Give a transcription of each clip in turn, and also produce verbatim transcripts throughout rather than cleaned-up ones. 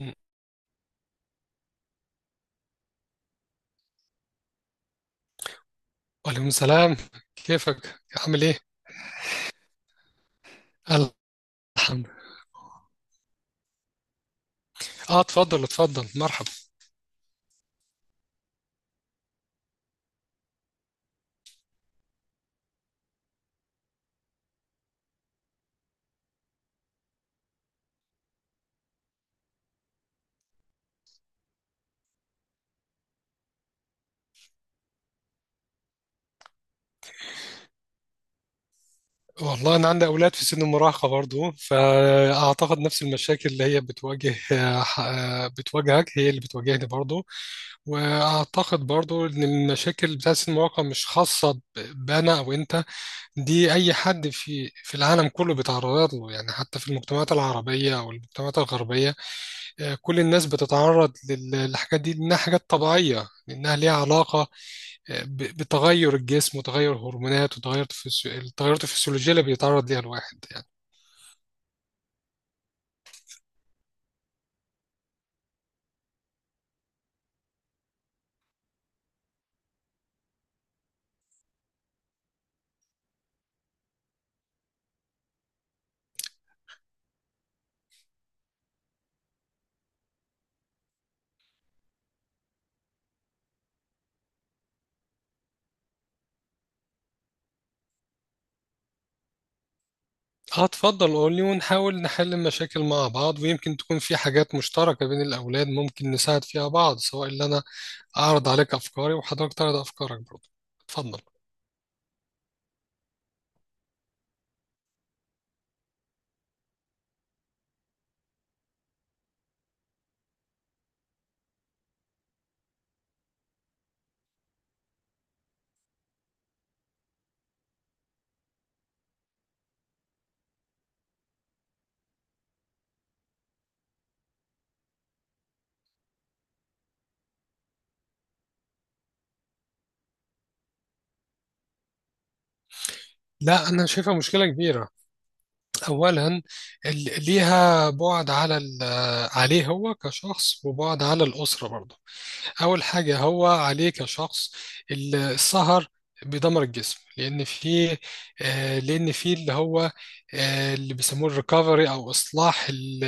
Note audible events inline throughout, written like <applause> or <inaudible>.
مم. وعليكم السلام. كيفك عامل ايه؟ الحمد اه، اتفضل اتفضل مرحب. والله انا عندي اولاد في سن المراهقه برضو، فاعتقد نفس المشاكل اللي هي بتواجه آه، ح- آه، بتواجهك هي اللي بتواجهني برضو. واعتقد برضو ان المشاكل بتاعت سن المراهقه مش خاصه ب- بانا او انت، دي اي حد في في العالم كله بيتعرض له يعني، حتى في المجتمعات العربيه او المجتمعات الغربيه. آه، كل الناس بتتعرض لل- للحاجات دي لانها حاجات طبيعيه، لانها ليها علاقه ب- بتغير الجسم وتغير هرمونات وتغير الفسيو- التغيرات الفسيولوجية اللي بيتعرض ليها الواحد يعني. هتفضل قولي ونحاول نحل المشاكل مع بعض، ويمكن تكون في حاجات مشتركة بين الأولاد ممكن نساعد فيها بعض، سواء اللي أنا أعرض عليك أفكاري وحضرتك تعرض أفكارك برضه. اتفضل. لا أنا شايفها مشكلة كبيرة. أولا، ال- ليها بعد على ال- عليه هو كشخص، وبعد على الأسرة برضه. أول حاجة هو عليه كشخص، ال- السهر بيدمر الجسم، لأن في آه، لأن في اللي هو آه، اللي بيسموه الريكفري أو إصلاح ال-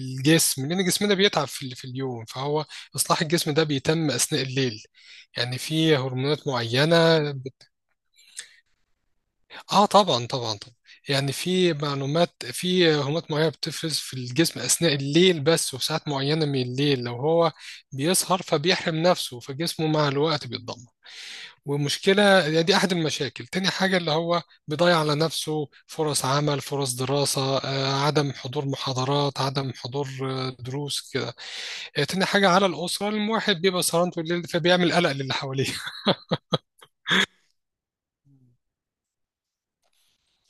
الجسم، لأن جسمنا بيتعب في ال- في اليوم، فهو إصلاح الجسم ده بيتم أثناء الليل. يعني في هرمونات معينة. آه طبعا طبعا طبعا. يعني في معلومات، في هرمونات معينة بتفرز في الجسم أثناء الليل بس، وفي ساعات معينة من الليل، لو هو بيسهر فبيحرم نفسه، فجسمه مع الوقت بيتدمر. ومشكلة يعني دي أحد المشاكل. تاني حاجة اللي هو بيضيع على نفسه فرص عمل، فرص دراسة، آه، عدم حضور محاضرات، عدم حضور آه، دروس كده. آه، تاني حاجة على الأسرة، الواحد بيبقى سهران طول الليل فبيعمل قلق للي حواليه.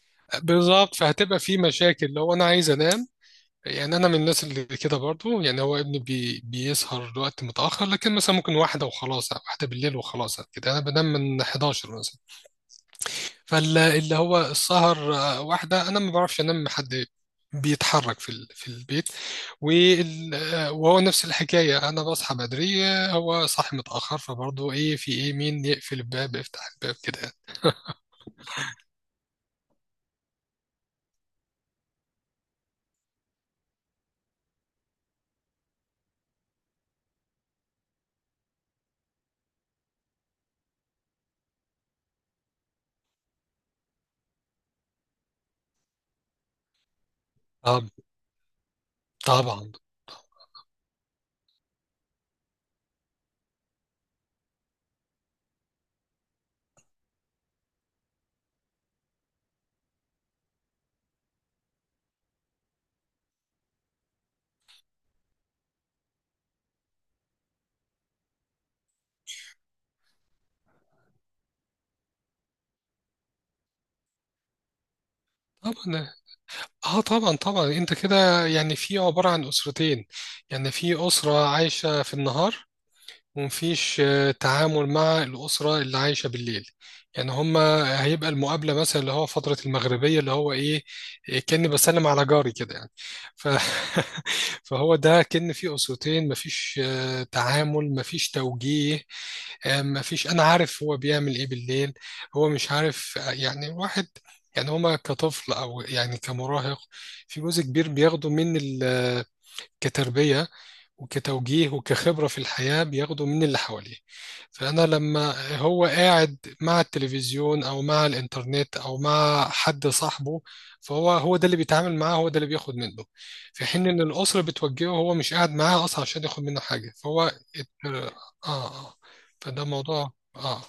<laughs> بالظبط، فهتبقى في مشاكل لو أنا عايز أنام. يعني أنا من الناس اللي كده برضو، يعني هو ابني بي بيسهر وقت متأخر، لكن مثلا ممكن واحدة وخلاص، واحدة بالليل وخلاص كده. أنا بنام من احداشر مثلا. فاللي هو السهر، آه، واحدة أنا ما بعرفش أنام حد بيتحرك في ال- في البيت. وال- آه، وهو نفس الحكاية، أنا بصحى بدري، آه، هو صاحي متأخر، فبرضه إيه، في إيه، مين يقفل الباب، يفتح الباب كده. طب طبعا طبعا. اه طبعا طبعا، انت كده يعني في عبارة عن أسرتين. يعني في أسرة عايشة في النهار ومفيش آه، تعامل مع الأسرة اللي عايشة بالليل. يعني هما هيبقى المقابلة مثلا اللي هو فترة المغربية اللي هو إيه، إيه، كأني بسلم على جاري كده يعني. ف... <laughs> فهو ده كأن في أسرتين، مفيش آه، تعامل، مفيش توجيه. آه، مفيش أنا عارف هو بيعمل إيه بالليل، هو مش عارف آه، يعني واحد. يعني هما كطفل أو يعني كمراهق، في جزء كبير بياخده من ال- كتربية وكتوجيه وكخبرة في الحياة، بياخده من اللي حواليه. فأنا لما هو قاعد مع التلفزيون أو مع الإنترنت أو مع حد صاحبه، فهو هو ده اللي بيتعامل معاه، هو ده اللي بياخد منه. في حين إن الأسرة بتوجهه هو مش قاعد معاها أصلا عشان ياخد منه حاجة. فهو ات- آه آه فده موضوع آه.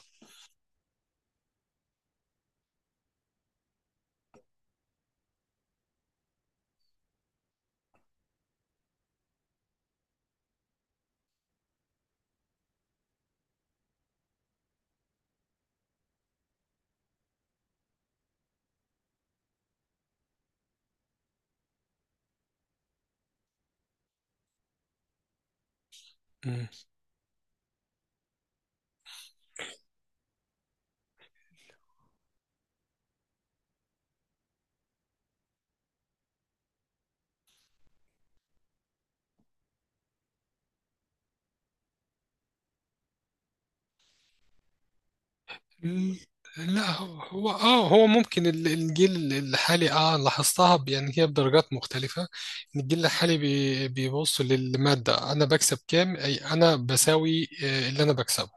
لا هو هو- اه هو ممكن ال- الجيل الحالي اه لاحظتها ب- يعني هي بدرجات مختلفة، إن الجيل الحالي بي- بيبص للمادة، انا بكسب كام، اي انا بساوي آه، اللي انا بكسبه.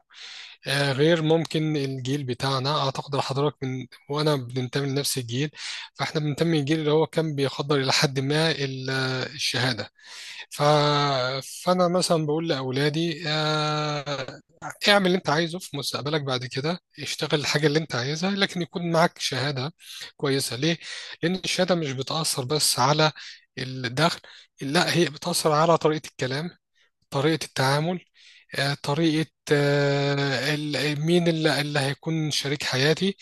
آه، غير ممكن الجيل بتاعنا، اعتقد حضرتك من وانا بننتمي لنفس الجيل، فاحنا بننتمي للجيل اللي هو كان بيقدر الى حد ما ال- آه، الشهادة. ف... فانا مثلا بقول لاولادي، آه، اعمل اللي انت عايزه في مستقبلك، بعد كده اشتغل الحاجه اللي انت عايزها، لكن يكون معاك شهاده كويسه. ليه؟ لان الشهاده مش بتاثر بس على الدخل، لا هي بتاثر على طريقه الكلام، طريقه التعامل، آه، طريقه آه، ال- مين اللي, اللي هيكون شريك حياتي،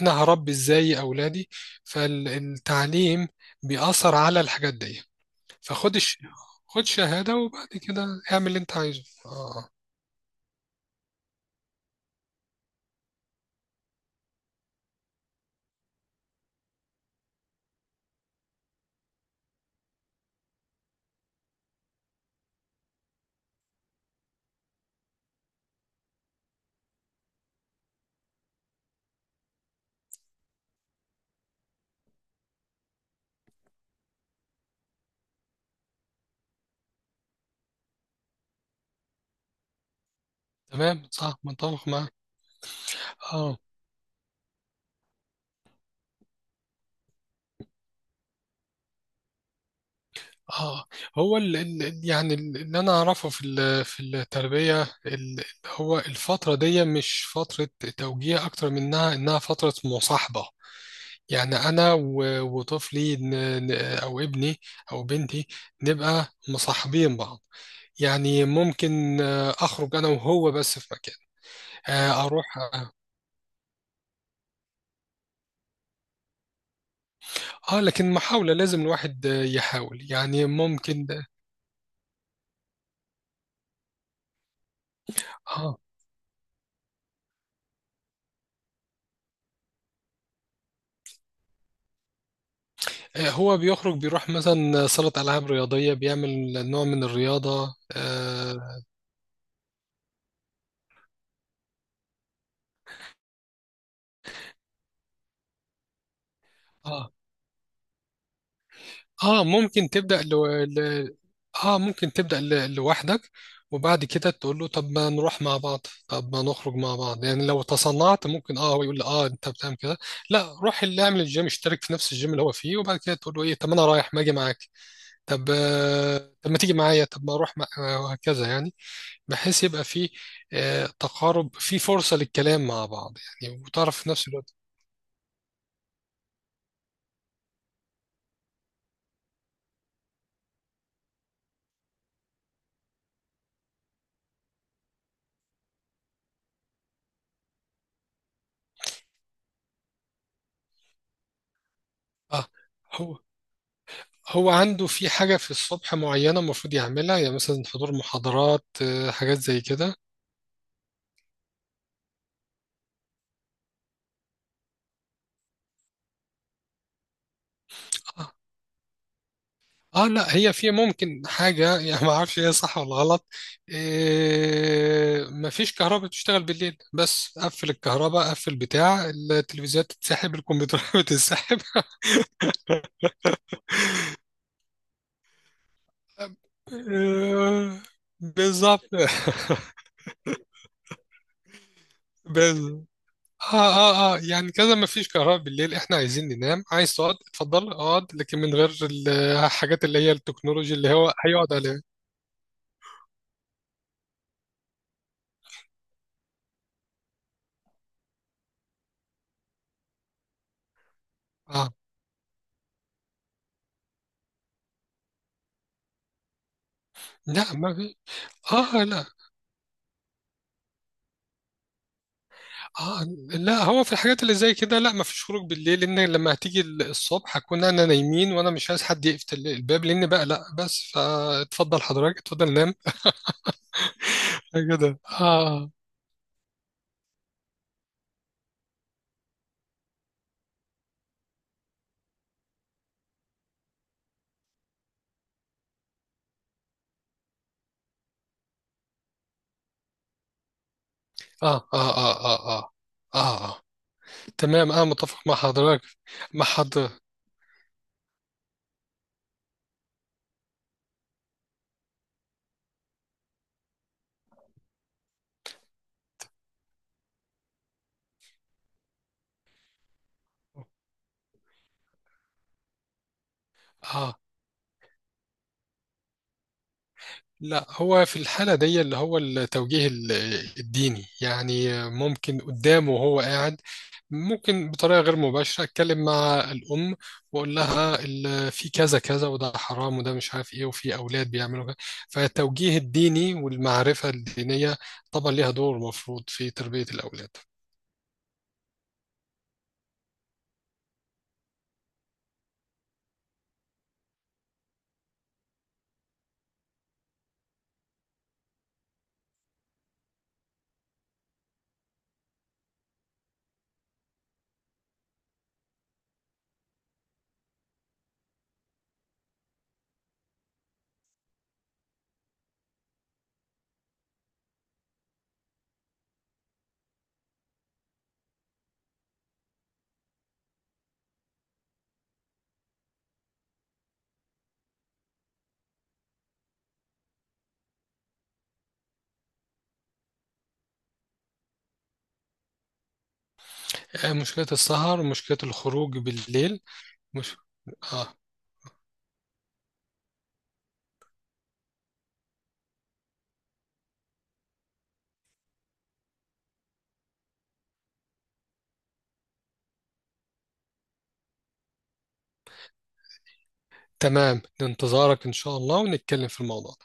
انا هربي ازاي اولادي. فالتعليم بيأثر على الحاجات دي. فخد الش... خد شهادة وبعد كده اعمل اللي انت عايزه. اه تمام صح، متفق معاك. اه اه، هو ال... ال... يعني ال- اللي انا اعرفه في ال... في التربية ال... هو الفترة دي مش فترة توجيه، اكتر منها انها فترة مصاحبة. يعني انا و... وطفلي ن... ن- او ابني او بنتي نبقى مصاحبين بعض. يعني ممكن آه، اخرج انا وهو بس في مكان، آه، اروح. اه لكن محاولة، لازم الواحد آه، يحاول يعني ممكن. اه. آه، هو بيخرج، بيروح مثلا صالة ألعاب رياضية، بيعمل نوع من الرياضة. اه اه. آه، ممكن تبدأ لو... ل... اه ممكن تبدأ ل... لوحدك، وبعد كده تقول له طب ما نروح مع بعض، طب ما نخرج مع بعض يعني. لو تصنعت ممكن اه هو يقول لي اه انت بتعمل كده، لا روح اللي اعمل الجيم، اشترك في نفس الجيم اللي هو فيه، وبعد كده تقول له ايه، طب ما انا رايح ما اجي معاك. طب آه طب ما تيجي معايا، طب ما اروح مع... آه، وهكذا يعني، بحيث يبقى فيه آه، تقارب، فيه فرصة للكلام مع بعض يعني وتعرف في نفس الوقت. اه. هو هو عنده في حاجة في الصبح معينة المفروض يعملها، يعني مثلا حضور محاضرات، آه، حاجات زي كده. اه آه، لا هي في ممكن حاجة <laughs> يعني ما اعرفش هي صح ولا غلط. آه، مفيش كهرباء بتشتغل بالليل، بس قفل الكهرباء، قفل بتاع التلفزيونات، تتسحب الكمبيوترات <laughs> بتتسحب. آه، بالظبط. <laughs> اه اه اه، يعني كذا ما فيش كهرباء بالليل، احنا عايزين ننام، عايز تقعد اتفضل اقعد، لكن من غير ال- <laughs> الحاجات اللي هي التكنولوجيا اللي هو هيقعد عليها. اه. لا ما في، اه لا. اه لا هو في الحاجات اللي زي كده، لا ما فيش خروج بالليل، لان لما هتيجي الصبح هكون انا نايمين، وانا مش عايز حد يقفل الباب، لان بقى لا بس فاتفضل حضرتك اتفضل نام كده. اه. اه اه اه اه اه, آه. آه. تمام اه، متفق مع حضرتك، مع حضرتك. اه لا هو في الحالة دي اللي هو التوجيه ال- الديني، يعني ممكن قدامه وهو قاعد، ممكن بطريقة غير مباشرة أتكلم مع الأم وأقول لها ال- في كذا كذا، وده حرام، وده مش عارف إيه، وفي أولاد بيعملوا كذا. فالتوجيه الديني والمعرفة الدينية طبعا ليها دور مفروض في تربية الأولاد. آه، مشكلة السهر، مشكلة الخروج بالليل. مش... آه تمام، لانتظارك إن شاء الله ونتكلم في الموضوع.